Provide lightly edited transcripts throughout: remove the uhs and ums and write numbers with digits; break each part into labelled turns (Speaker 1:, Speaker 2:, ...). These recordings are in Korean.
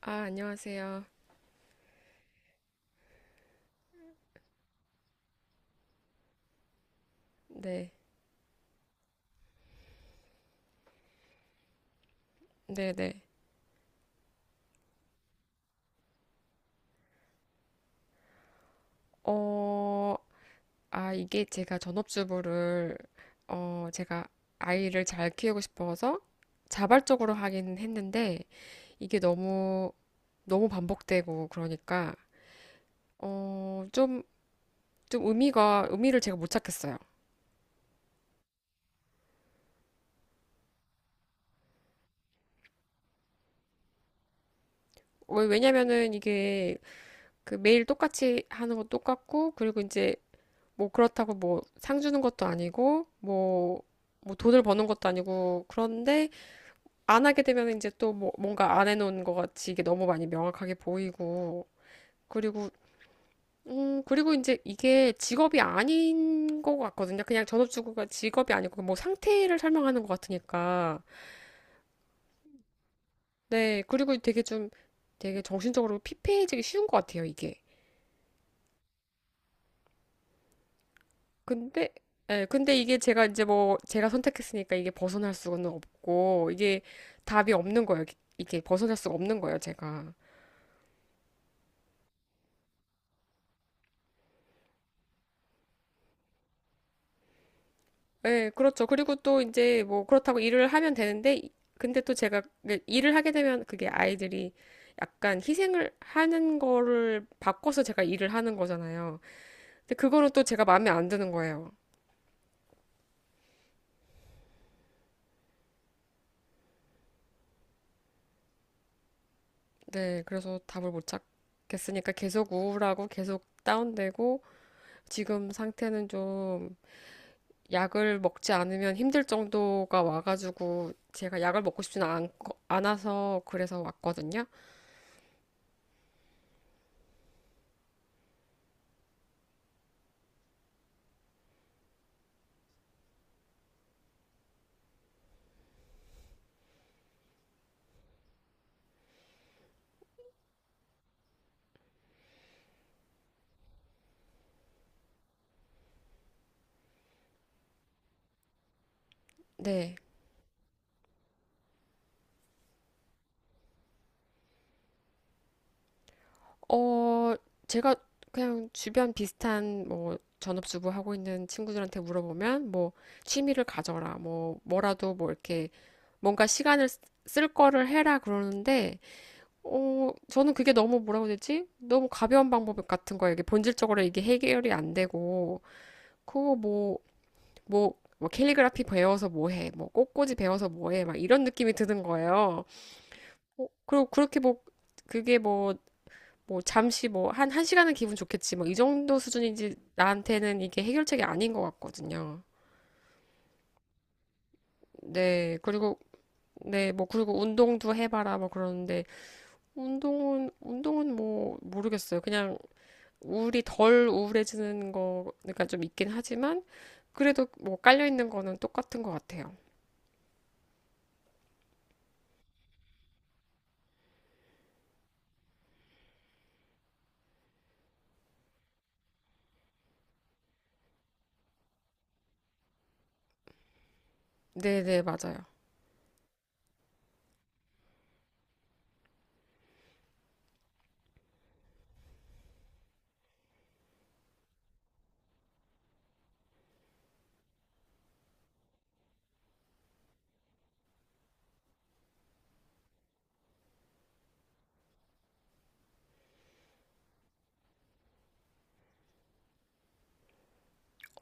Speaker 1: 아, 안녕하세요. 네, 네, 네. 어, 이게 제가 전업주부를, 제가 아이를 잘 키우고 싶어서 자발적으로 하긴 했는데, 이게 너무, 너무 반복되고, 그러니까, 어, 좀, 좀 의미를 제가 못 찾겠어요. 왜냐면은 이게 그 매일 똑같이 하는 거 똑같고, 그리고 이제 뭐 그렇다고 뭐 상 주는 것도 아니고, 뭐 돈을 버는 것도 아니고, 그런데, 안 하게 되면 이제 또 뭔가 안 해놓은 것 같이 이게 너무 많이 명확하게 보이고, 그리고, 그리고 이제 이게 직업이 아닌 것 같거든요. 그냥 전업주부가 직업이 아니고 뭐 상태를 설명하는 것 같으니까. 네, 그리고 되게 정신적으로 피폐해지기 쉬운 것 같아요, 이게. 근데, 예, 근데 이게 제가 이제 뭐 제가 선택했으니까 이게 벗어날 수는 없고, 이게 답이 없는 거예요. 이게 벗어날 수가 없는 거예요, 제가. 네, 그렇죠. 그리고 또 이제 뭐 그렇다고 일을 하면 되는데, 근데 또 제가 그 일을 하게 되면 그게 아이들이 약간 희생을 하는 거를 바꿔서 제가 일을 하는 거잖아요. 근데 그거는 또 제가 마음에 안 드는 거예요. 네, 그래서 답을 못 찾겠으니까 계속 우울하고 계속 다운되고 지금 상태는 좀 약을 먹지 않으면 힘들 정도가 와가지고 제가 약을 먹고 싶지는 않아서 그래서 왔거든요. 네. 어, 제가 그냥 주변 비슷한 뭐 전업주부 하고 있는 친구들한테 물어보면 뭐 취미를 가져라, 뭐 뭐라도 뭐 이렇게 뭔가 쓸 거를 해라 그러는데 저는 그게 너무 뭐라고 해야 되지? 너무 가벼운 방법 같은 거예요. 이게 본질적으로 이게 해결이 안 되고 그거 뭐 뭐 캘리그라피 배워서 뭐 해? 뭐 꽃꽂이 배워서 뭐 해? 막 이런 느낌이 드는 거예요. 그리고 그렇게 뭐 그게 뭐 잠시 뭐 한 한 시간은 기분 좋겠지 뭐 이 정도 수준인지 나한테는 이게 해결책이 아닌 것 같거든요. 네 그리고 네 뭐 그리고 운동도 해봐라 뭐 그러는데 운동은 뭐 모르겠어요. 그냥 우울이 덜 우울해지는 거 그러니까 좀 있긴 하지만 그래도 뭐 깔려 있는 거는 똑같은 것 같아요. 네네 맞아요.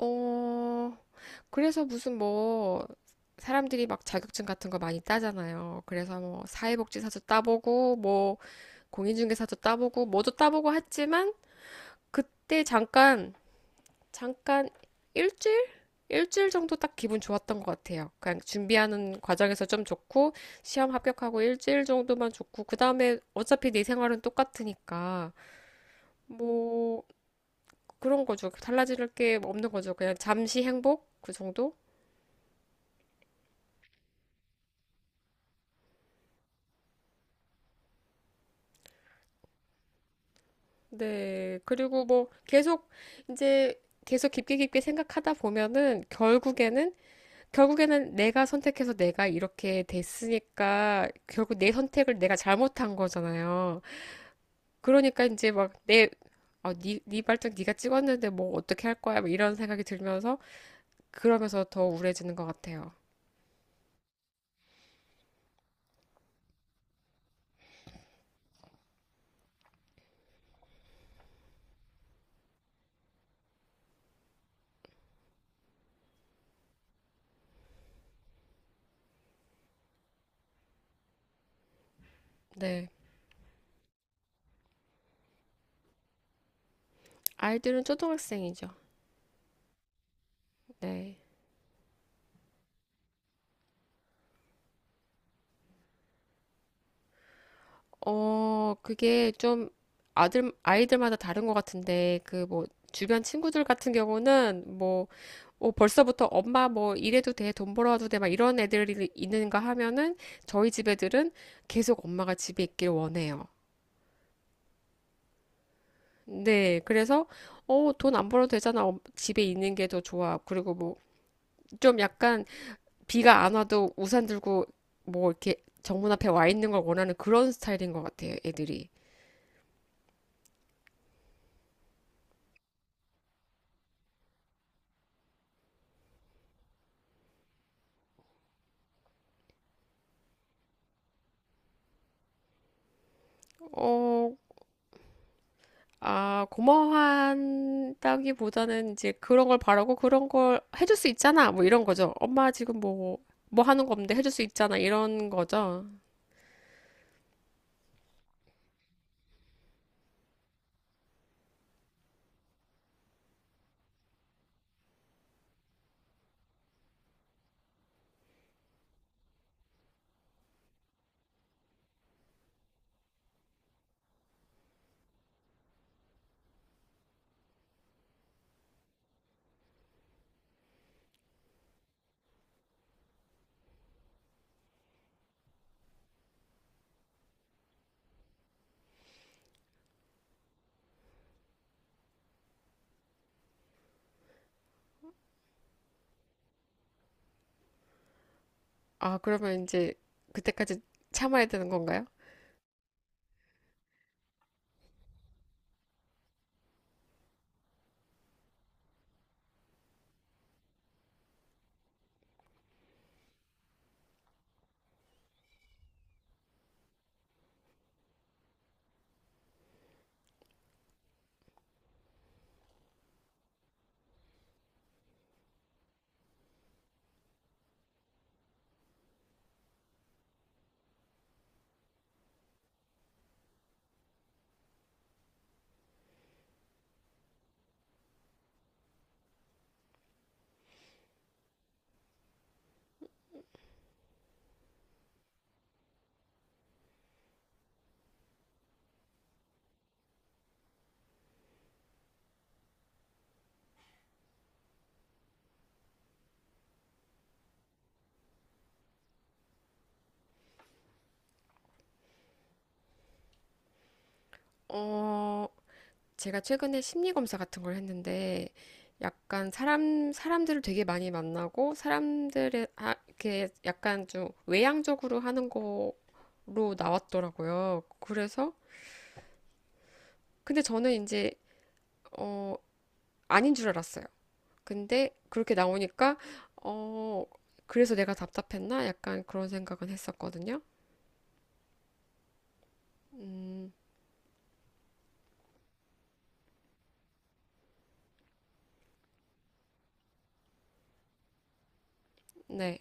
Speaker 1: 어 그래서 무슨 뭐 사람들이 막 자격증 같은 거 많이 따잖아요. 그래서 뭐 사회복지사도 따보고 뭐 공인중개사도 따보고 뭐도 따보고 했지만 그때 잠깐 일주일? 일주일 정도 딱 기분 좋았던 것 같아요. 그냥 준비하는 과정에서 좀 좋고 시험 합격하고 일주일 정도만 좋고 그 다음에 어차피 내 생활은 똑같으니까 뭐 그런 거죠. 달라질 게 없는 거죠. 그냥 잠시 행복 그 정도? 네. 그리고 뭐 계속 이제 계속 깊게 깊게 생각하다 보면은 결국에는 내가 선택해서 내가 이렇게 됐으니까 결국 내 선택을 내가 잘못한 거잖아요. 그러니까 이제 막 니 발등 니가 찍었는데 뭐 어떻게 할 거야? 막 이런 생각이 들면서 그러면서 더 우울해지는 것 같아요. 네. 아이들은 초등학생이죠. 네. 그게 좀 아이들마다 다른 것 같은데, 그 뭐, 주변 친구들 같은 경우는 뭐, 뭐 벌써부터 엄마 뭐 이래도 돼, 돈 벌어와도 돼, 막 이런 애들이 있는가 하면은 저희 집 애들은 계속 엄마가 집에 있길 원해요. 네, 그래서 어, 돈 안 벌어도 되잖아. 어, 집에 있는 게 더 좋아. 그리고 뭐 좀 약간 비가 안 와도 우산 들고 뭐 이렇게 정문 앞에 와 있는 걸 원하는 그런 스타일인 것 같아요, 애들이. 어, 고마워한다기보다는 이제 그런 걸 바라고 그런 걸 해줄 수 있잖아. 뭐 이런 거죠. 엄마 지금 뭐 하는 거 없는데 해줄 수 있잖아. 이런 거죠. 아, 그러면 이제 그때까지 참아야 되는 건가요? 어, 제가 최근에 심리 검사 같은 걸 했는데 약간 사람들을 되게 많이 만나고 이렇게 약간 좀 외향적으로 하는 거로 나왔더라고요. 그래서, 근데 저는 이제 어, 아닌 줄 알았어요. 근데 그렇게 나오니까 어 그래서 내가 답답했나? 약간 그런 생각은 했었거든요. 음, 네.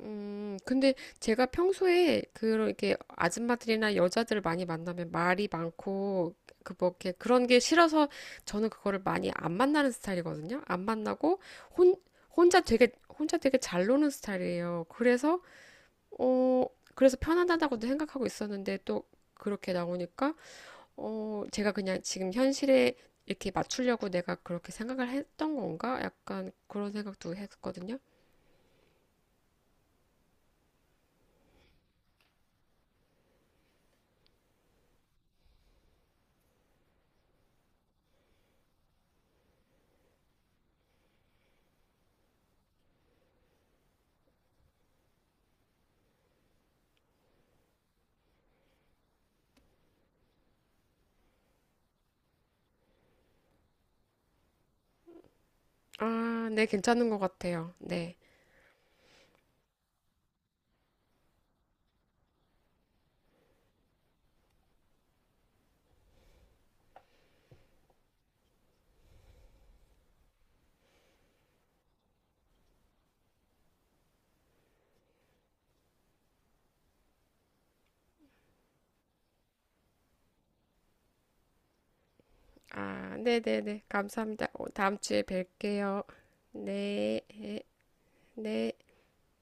Speaker 1: 근데 제가 평소에 그렇게 아줌마들이나 여자들 을 많이 만나면 말이 많고 그 뭐 이렇게 그런 게 싫어서 저는 그거를 많이 안 만나는 스타일이거든요. 안 만나고 혼 혼자 되게 혼자 되게 잘 노는 스타일이에요. 그래서 어 그래서 편안하다고도 생각하고 있었는데 또 그렇게 나오니까 제가 그냥 지금 현실에 이렇게 맞추려고 내가 그렇게 생각을 했던 건가? 약간 그런 생각도 했거든요. 아, 네, 괜찮은 것 같아요. 네. 아, 네네네. 감사합니다. 다음 주에 뵐게요. 네, 네. 네.